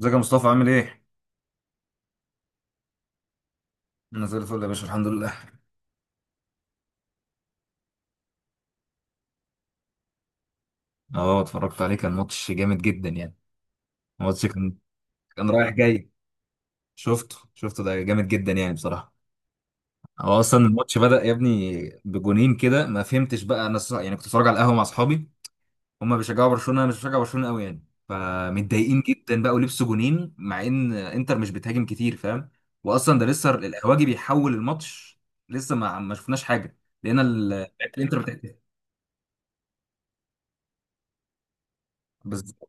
ازيك يا مصطفى عامل ايه؟ انا زي الفل يا باشا الحمد لله. اه، اتفرجت عليه، كان ماتش جامد جدا يعني. الماتش كان كان رايح جاي. شفته شفته، ده جامد جدا يعني بصراحة. هو اصلا الماتش بدأ يا ابني بجونين كده، ما فهمتش بقى انا يعني كنت بتفرج على القهوة مع اصحابي. هما بيشجعوا برشلونة، انا مش بشجع برشلونة قوي يعني. فمتضايقين جدا بقى، ولبسوا جونين مع ان انتر مش بتهاجم كتير فاهم. واصلا ده لسه القهواجي بيحول الماتش، لسه ما شفناش حاجة. لقينا لعيبة الانتر بتهاجم. بالظبط.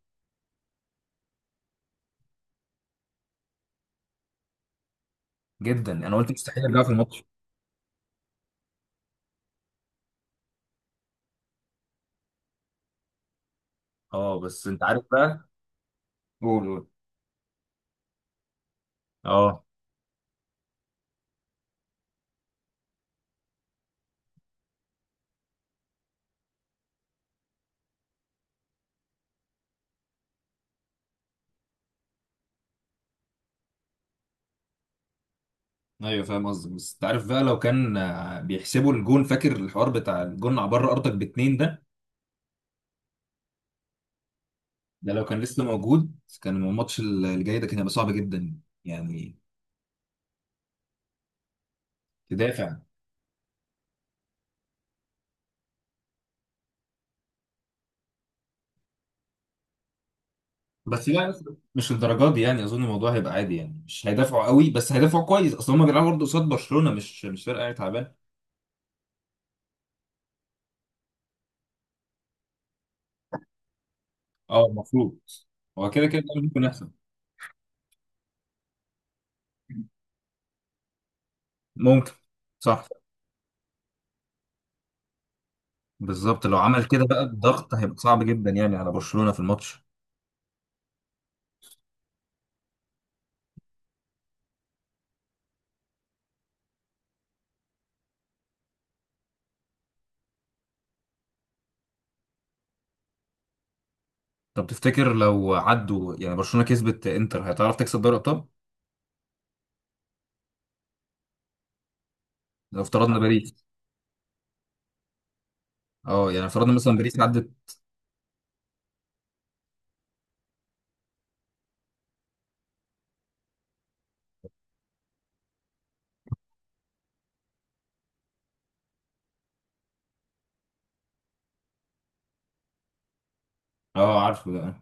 جدا يعني. انا قلت مستحيل يرجعوا في الماتش. اه، بس انت عارف بقى. قول قول. اه، ايوه فاهم قصدك، بس انت عارف بقى لو كان بيحسبوا الجون، فاكر الحوار بتاع الجون على بره ارضك باتنين ده؟ ده لو كان لسه موجود كان الماتش الجاي ده كان هيبقى صعب جدا يعني. تدافع. بس لا، مش للدرجات دي يعني. اظن الموضوع هيبقى عادي يعني، مش هيدافعوا قوي، بس هيدافعوا كويس، اصل هم بيلعبوا برضه قصاد برشلونه، مش فرقه يعني تعبانه. اه، المفروض. هو كده كده، ده ممكن يحصل. ممكن. صح. بالظبط، لو عمل كده بقى الضغط هيبقى صعب جدا يعني على برشلونة في الماتش. طب تفتكر لو عدوا يعني، برشلونة كسبت، انتر هتعرف تكسب دوري الابطال؟ لو افترضنا صعب باريس. اه، يعني افترضنا صعب مثلا باريس جدا عدت. اه، عارفه ده.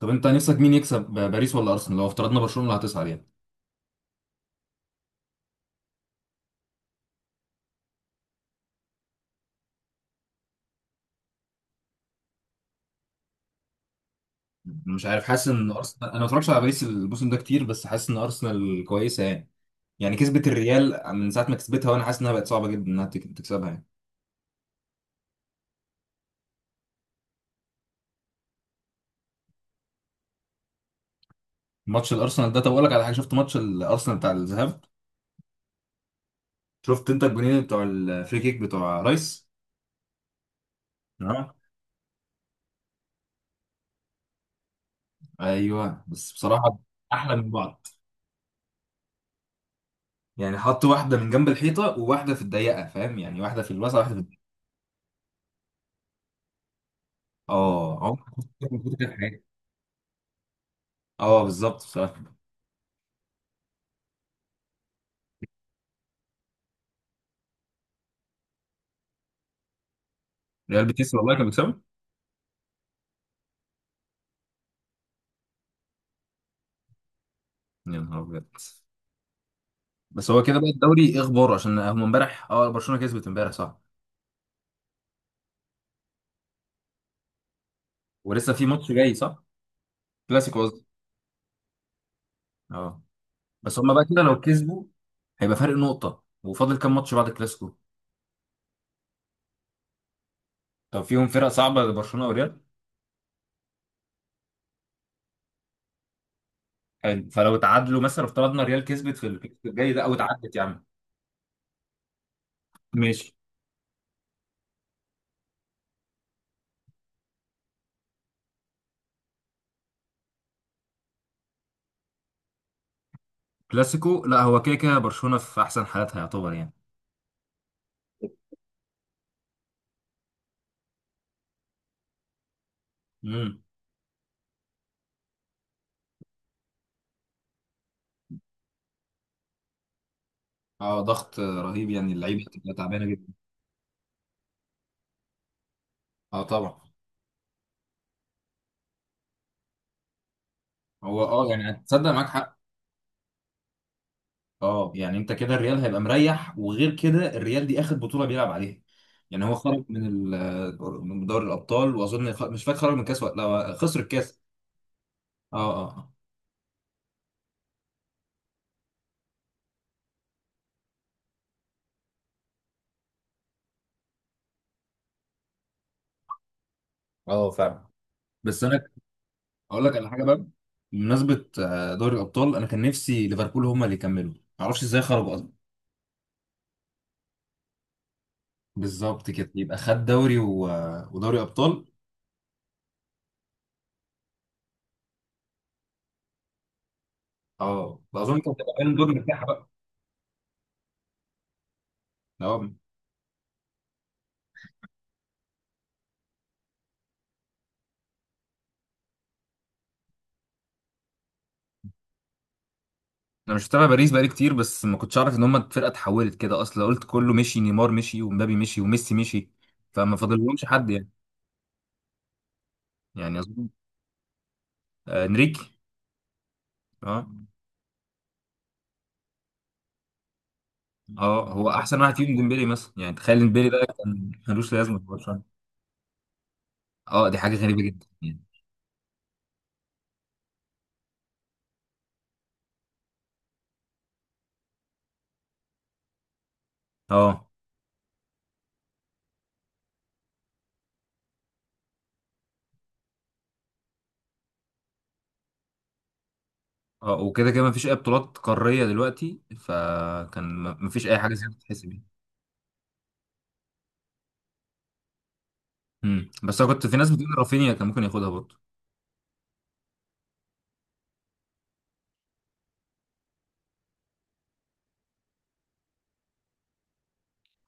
طب انت نفسك مين يكسب، باريس ولا ارسنال، لو افترضنا برشلونة اللي هتصعد يعني؟ أنا مش عارف، حاسس ان ارسنال، انا ما اتفرجش على باريس الموسم ده كتير، بس حاسس ان ارسنال كويسة يعني. يعني كسبت الريال من ساعة ما كسبتها، وانا حاسس انها بقت صعبة جدا انها تكسبها يعني. ماتش الارسنال ده، طب اقول لك على حاجة، شفت ماتش الارسنال بتاع الذهاب، شفت انت الجونين بتوع الفري كيك بتوع رايس؟ نعم. ايوه بس بصراحه احلى من بعض يعني. حط واحده من جنب الحيطه وواحده في الضيقه، فاهم يعني، واحده في الوسط واحده في الضيقه. اه، عمرك ما شفت كده موجود كده في حياتي. اه بالظبط بصراحه. ريال بيتيس والله كان بيكسبوا. يا نهار ابيض. بس هو كده بقى الدوري ايه اخباره، عشان هم امبارح برشلونه كسبت امبارح صح؟ ولسه في ماتش جاي صح. كلاسيكو قصدي. اه. بس هم بقى كده لو كسبوا هيبقى فرق نقطه، وفاضل كام ماتش بعد الكلاسيكو؟ طب فيهم فرق صعبه برشلونه وريال؟ حلو، فلو تعادلوا مثلا، افترضنا ريال كسبت في الكلاسيكو الجاي ده او تعادلت يعني. ماشي. كلاسيكو لا، هو كده كده برشلونة في احسن حالاتها يعتبر يعني. امم. اه، ضغط رهيب يعني، اللعيبه هتبقى تعبانه جدا. اه طبعا. هو يعني هتصدق معاك حق. اه يعني انت كده الريال هيبقى مريح، وغير كده الريال دي اخر بطوله بيلعب عليها يعني. هو خرج من من دوري الابطال، واظن مش فاكر خرج من الكاس ولا لا، هو خسر الكاس. اه. اه. اه اه فعلا. بس انا اقول لك على حاجه بقى. بمناسبه دوري الابطال، انا كان نفسي ليفربول هم اللي يكملوا. معرفش ازاي خرجوا. بالظبط كده، يبقى خد دوري و... ودوري ابطال. اه، اظن كانت هتبقى بالون دور مرتاحه بقى. اه، انا مش متابع باريس بقالي كتير، بس ما كنتش اعرف ان هم الفرقه اتحولت كده اصلا. قلت كله مشي، نيمار مشي ومبابي مشي وميسي مشي، فما فاضلهمش حد يعني. يعني اظن. آه انريكي. اه. اه، هو احسن واحد فيهم ديمبلي مثلا، يعني تخيل ديمبلي ده كان ملوش لازمه في برشلونه. اه، دي حاجه غريبه جدا يعني. اه، اه، وكده كده ما فيش اي بطولات قاريه دلوقتي، فكان ما فيش اي حاجه زياده تتحسب. بس انا كنت في ناس بتقول رافينيا كان ممكن ياخدها برضه.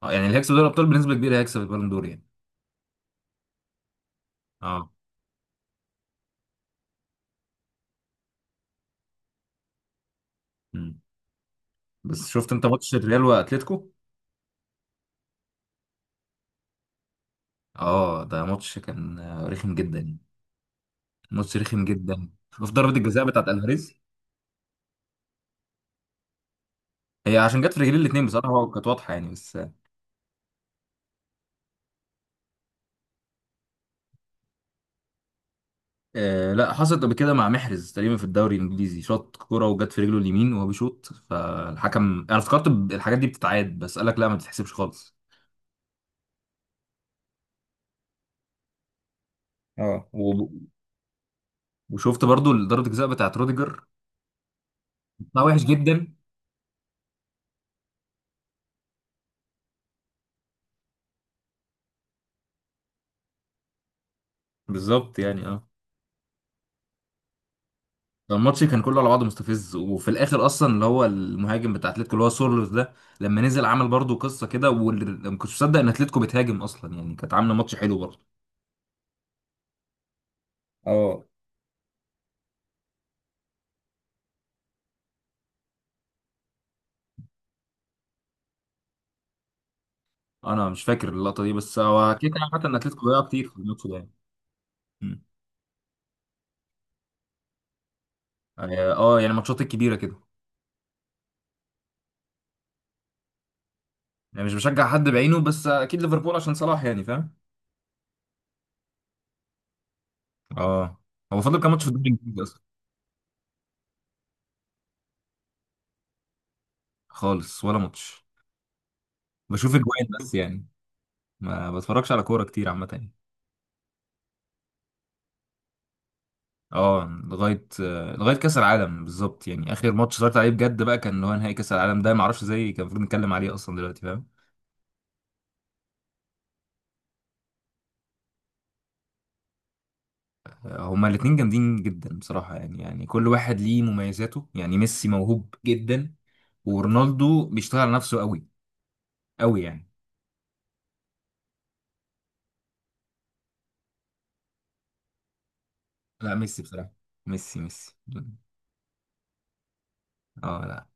اه يعني اللي هيكسب دوري الابطال بنسبه كبيره هيكسب البالون دور يعني. اه. امم بس شفت انت ماتش الريال واتلتيكو. اه، ده ماتش كان رخم جدا يعني. ماتش رخم جدا. شفت ضربه الجزاء بتاعت الفاريز. هي عشان جت في رجلين الاثنين بصراحه هو، كانت واضحه يعني بس. آه لا، حصلت قبل كده مع محرز تقريبا في الدوري الانجليزي، شاط كوره وجت في رجله اليمين وهو بيشوط، فالحكم انا افتكرت الحاجات دي بتتعاد، بس قال لك لا، ما بتتحسبش خالص. اه، وشفت برضو ضربة الجزاء بتاعت روديجر. لا وحش جدا. بالظبط يعني. اه الماتش كان كله على بعضه مستفز، وفي الاخر اصلا اللي هو المهاجم بتاع اتلتيكو اللي هو سورلوس ده، لما نزل عمل برضه قصه كده، واللي ما كنتش مصدق ان اتلتيكو بتهاجم اصلا يعني، كانت عامله ماتش حلو برضه. اه، انا مش فاكر اللقطه دي، بس هو كده كده عامه ان اتلتيكو وقع كتير في الماتش ده يعني. مم. اه، يعني ماتشات الكبيره كده. يعني مش بشجع حد بعينه، بس اكيد ليفربول عشان صلاح يعني فاهم. اه، هو فاضل كام ماتش في الدوري الانجليزي اصلا؟ خالص ولا ماتش. بشوف اجوان بس يعني، ما بتفرجش على كوره كتير عامه يعني. اه، لغايه لغايه كاس العالم بالظبط. يعني اخر ماتش اتفرجت عليه بجد بقى كان اللي هو نهائي كاس العالم ده، ما اعرفش ازاي كان المفروض نتكلم عليه اصلا دلوقتي فاهم. هما الاثنين جامدين جدا بصراحه يعني. يعني كل واحد ليه مميزاته يعني. ميسي موهوب جدا، ورونالدو بيشتغل على نفسه قوي قوي يعني. لا ميسي بصراحه. ميسي ميسي. اه لا.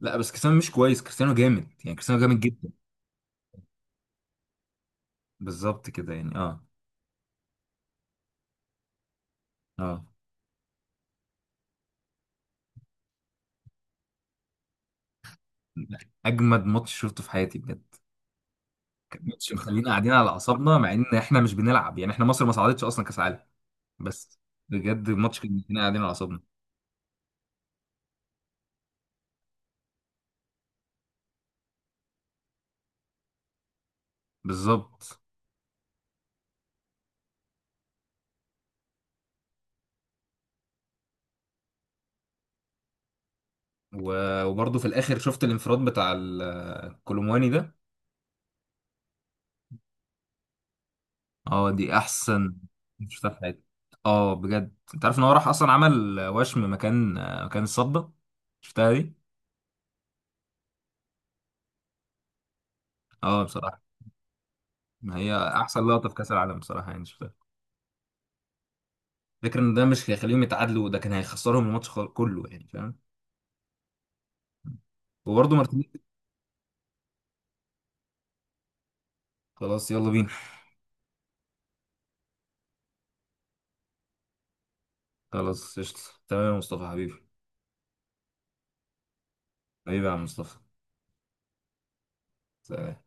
لا بس كريستيانو مش كويس، كريستيانو جامد يعني، كريستيانو جامد جدا. بالظبط كده يعني اه اه. اجمد ماتش شفته في حياتي بجد. ماتش مخلينا قاعدين على اعصابنا مع ان احنا مش بنلعب يعني، احنا مصر ما صعدتش اصلا كاس عالم. بس بجد الماتش كان مخلينا قاعدين على اعصابنا. بالظبط. وبرضه في الاخر شفت الانفراد بتاع الكولومواني ده. اه دي احسن شفتها في حياتي. اه بجد، انت عارف ان هو راح اصلا عمل وشم مكان، مكان الصدى، شفتها دي. اه بصراحه، ما هي احسن لقطه في كاس العالم بصراحه يعني شفتها. فكرة ان ده مش هيخليهم يتعادلوا ده كان هيخسرهم الماتش كله يعني فاهم. وبرضه مارتينيز. خلاص يلا بينا. خلاص قشطة. تمام يا مصطفى حبيبي. حبيبي يا عم مصطفى. سلام.